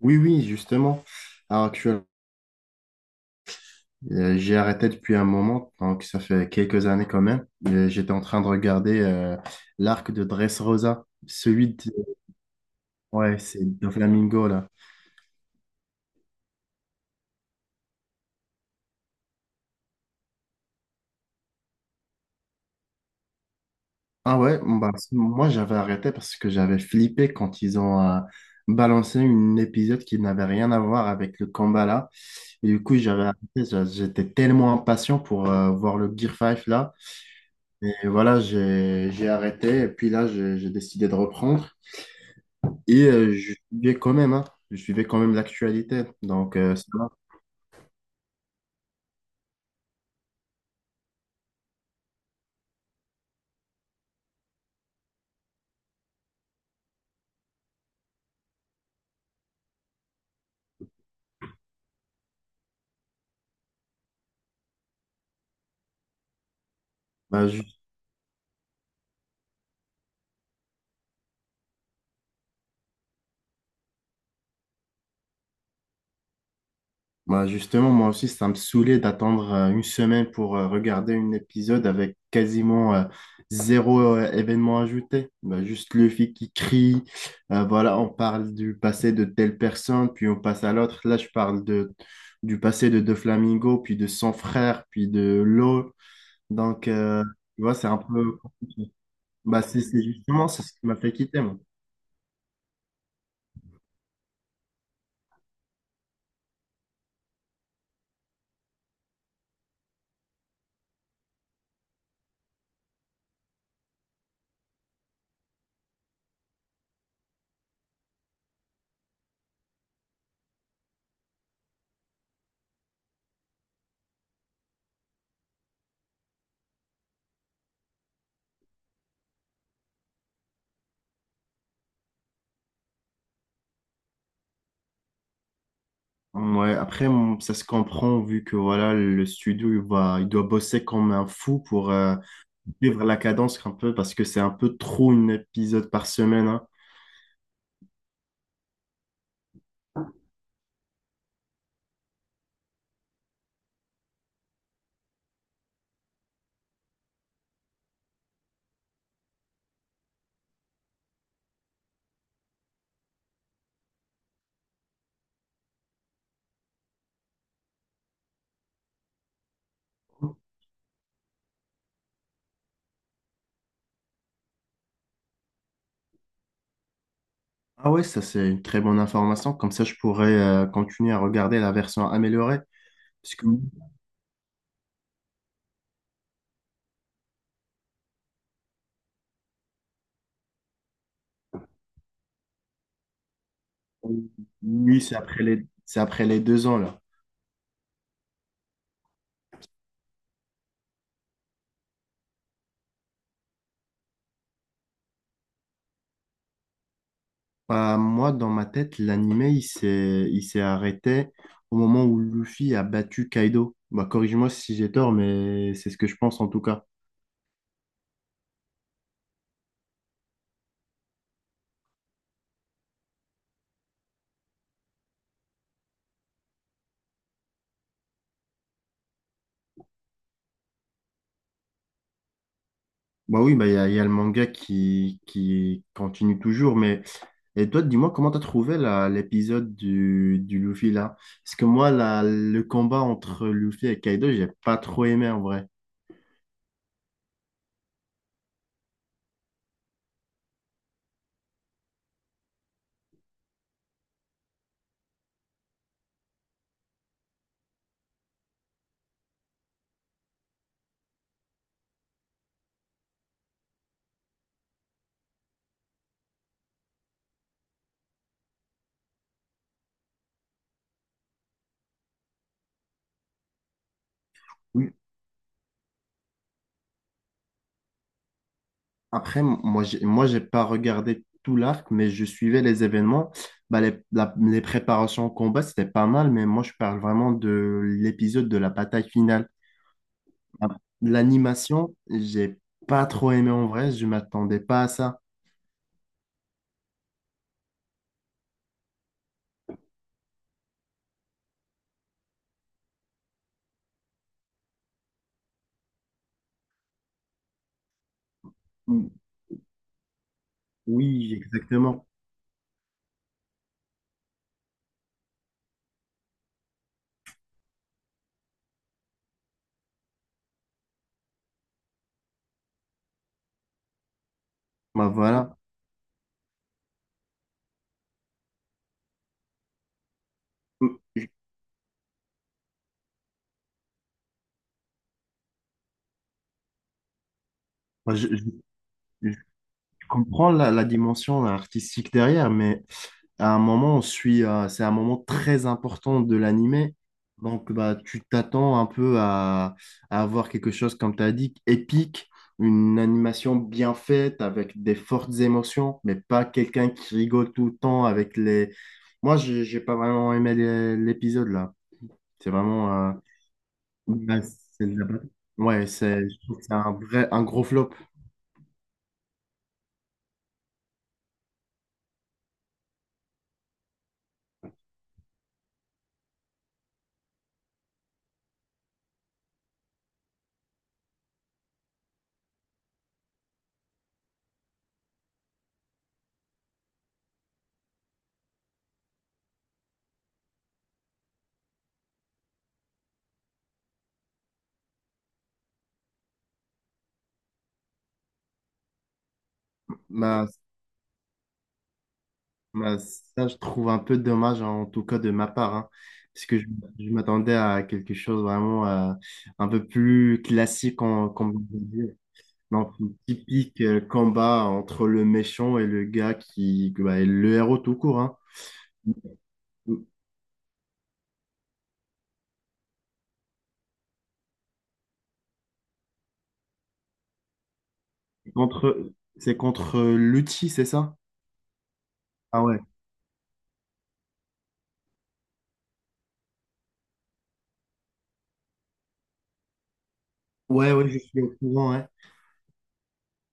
Oui, oui, justement. Alors, actuellement, j'ai arrêté depuis un moment, donc ça fait quelques années quand même. J'étais en train de regarder l'arc de Dressrosa, celui de... Ouais, c'est de Flamingo, là. Ah ouais, bon, bah, moi j'avais arrêté parce que j'avais flippé quand ils ont balancé un épisode qui n'avait rien à voir avec le combat là. Et du coup, j'avais arrêté, j'étais tellement impatient pour voir le Gear 5 là. Et voilà, j'ai arrêté et puis là, j'ai décidé de reprendre. Et je suivais quand même, hein, je suivais quand même l'actualité. Donc, ça va. Bah, ju- bah, justement, moi aussi, ça me saoulait d'attendre une semaine pour regarder un épisode avec quasiment zéro événement ajouté. Bah, juste le fille qui crie. Voilà, on parle du passé de telle personne, puis on passe à l'autre. Là, du passé de Flamingo, puis de son frère, puis de l'eau. Donc, tu vois, c'est un peu compliqué. Bah, c'est justement c'est ce qui m'a fait quitter, moi. Ouais, après, ça se comprend vu que voilà, le studio, il doit bosser comme un fou pour vivre la cadence un peu parce que c'est un peu trop un épisode par semaine, hein. Ah ouais, ça c'est une très bonne information. Comme ça, je pourrais continuer à regarder la version améliorée. Parce que lui, c'est après les deux ans là. Bah, moi, dans ma tête, l'animé, il s'est arrêté au moment où Luffy a battu Kaido. Bah, corrige-moi si j'ai tort, mais c'est ce que je pense en tout cas. Bah oui, bah il y a le manga qui continue toujours, mais et toi, dis-moi comment t'as trouvé l'épisode du Luffy là? Parce que moi, le combat entre Luffy et Kaido, j'ai pas trop aimé en vrai. Oui. Après, moi, j'ai pas regardé tout l'arc, mais je suivais les événements. Bah les préparations au combat, c'était pas mal, mais moi, je parle vraiment de l'épisode de la bataille finale. Ah, l'animation, j'ai pas trop aimé en vrai, je m'attendais pas à ça. Mm. Oui, exactement. Bah voilà. Je, bah, je- Je comprends la dimension artistique derrière, mais à un moment, on suit, c'est un moment très important de l'animé. Donc, bah, tu t'attends un peu à avoir quelque chose, comme tu as dit, épique, une animation bien faite, avec des fortes émotions, mais pas quelqu'un qui rigole tout le temps avec les... Moi, j'ai pas vraiment aimé l'épisode, là. C'est vraiment... bah, c'est de la- Ouais, c'est, je trouve que c'est un vrai, un gros flop. Bah, Bah, ça, je trouve un peu dommage, hein, en tout cas de ma part, hein, parce que je m'attendais à quelque chose vraiment un peu plus classique, en, comme on peut dire, non, plus typique combat entre le méchant et le gars qui bah, est le héros tout court, hein. Contre, c'est contre Luchi, c'est ça? Ah ouais. Ouais, ouais, je suis au courant, ouais.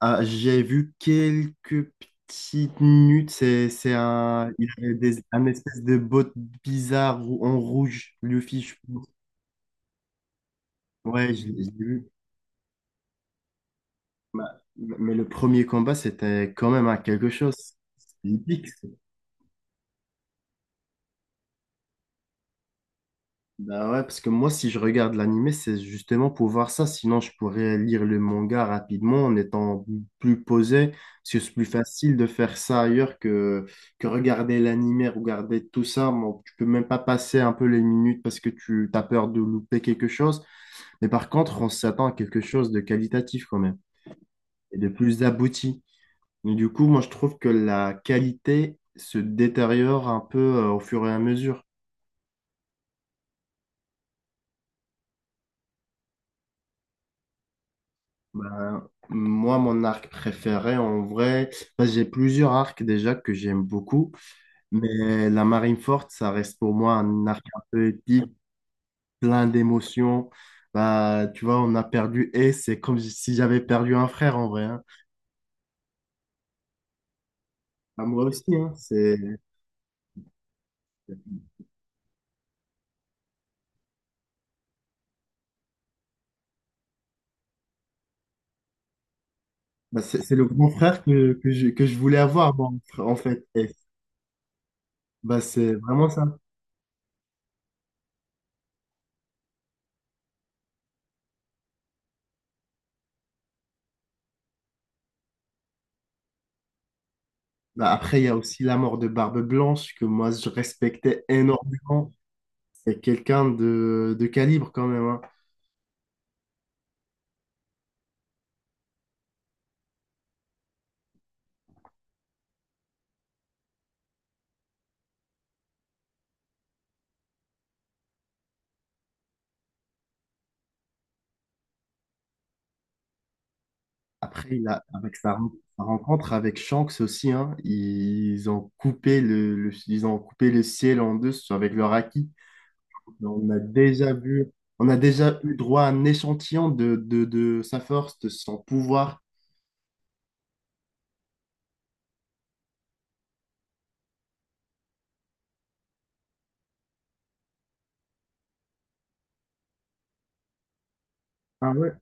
Ah, j'ai vu quelques petites minutes. C'est un, un espèce de botte bizarre en rouge, Luffy, je pense. Ouais, je l'ai vu. Mais le premier combat, c'était quand même à quelque chose. C'est épique. Bah ouais, parce que moi, si je regarde l'animé, c'est justement pour voir ça. Sinon, je pourrais lire le manga rapidement en étant plus posé, parce que c'est plus facile de faire ça ailleurs que regarder l'animé, regarder tout ça. Bon, tu peux même pas passer un peu les minutes parce que tu as peur de louper quelque chose. Mais par contre, on s'attend à quelque chose de qualitatif quand même et de plus abouti. Mais du coup, moi, je trouve que la qualité se détériore un peu au fur et à mesure. Ben, moi, mon arc préféré, en vrai, ben, j'ai plusieurs arcs déjà que j'aime beaucoup, mais la marine forte ça reste pour moi un arc un peu épique, plein d'émotions. Ben, tu vois, on a perdu et c'est comme si j'avais perdu un frère en vrai, hein. Ben, moi aussi, hein, c'est ben, c'est le grand frère que que je voulais avoir, moi, en fait. Et, ben, c'est vraiment ça. Ben, après, il y a aussi la mort de Barbe Blanche que moi, je respectais énormément. C'est quelqu'un de calibre quand même, hein. Après, avec sa, sa rencontre avec Shanks aussi, hein, ils ont coupé ils ont coupé le ciel en deux avec leur acquis. On a déjà vu, on a déjà eu droit à un échantillon de sa force, de son pouvoir. Ah ouais.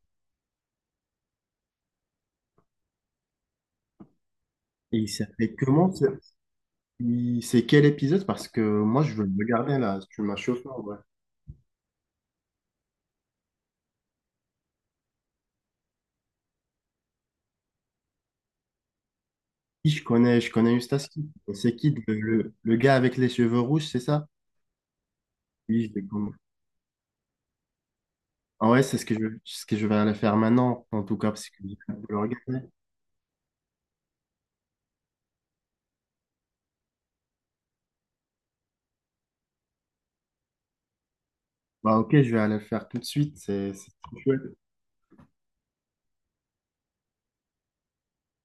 Et il s'appelle comment? C'est quel épisode? Parce que moi, je veux le regarder là. Tu m'as chauffé, en vrai. Qui je connais, je connais Eustace Kid. C'est qui le gars avec les cheveux rouges, c'est ça? Oui, je le Ah ouais, c'est ce que ce que je vais aller faire maintenant, en tout cas, parce que j'ai hâte de le regarder. Bah ok, je vais aller le faire tout de suite, c'est trop chouette.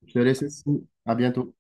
Je te laisse aussi, à bientôt.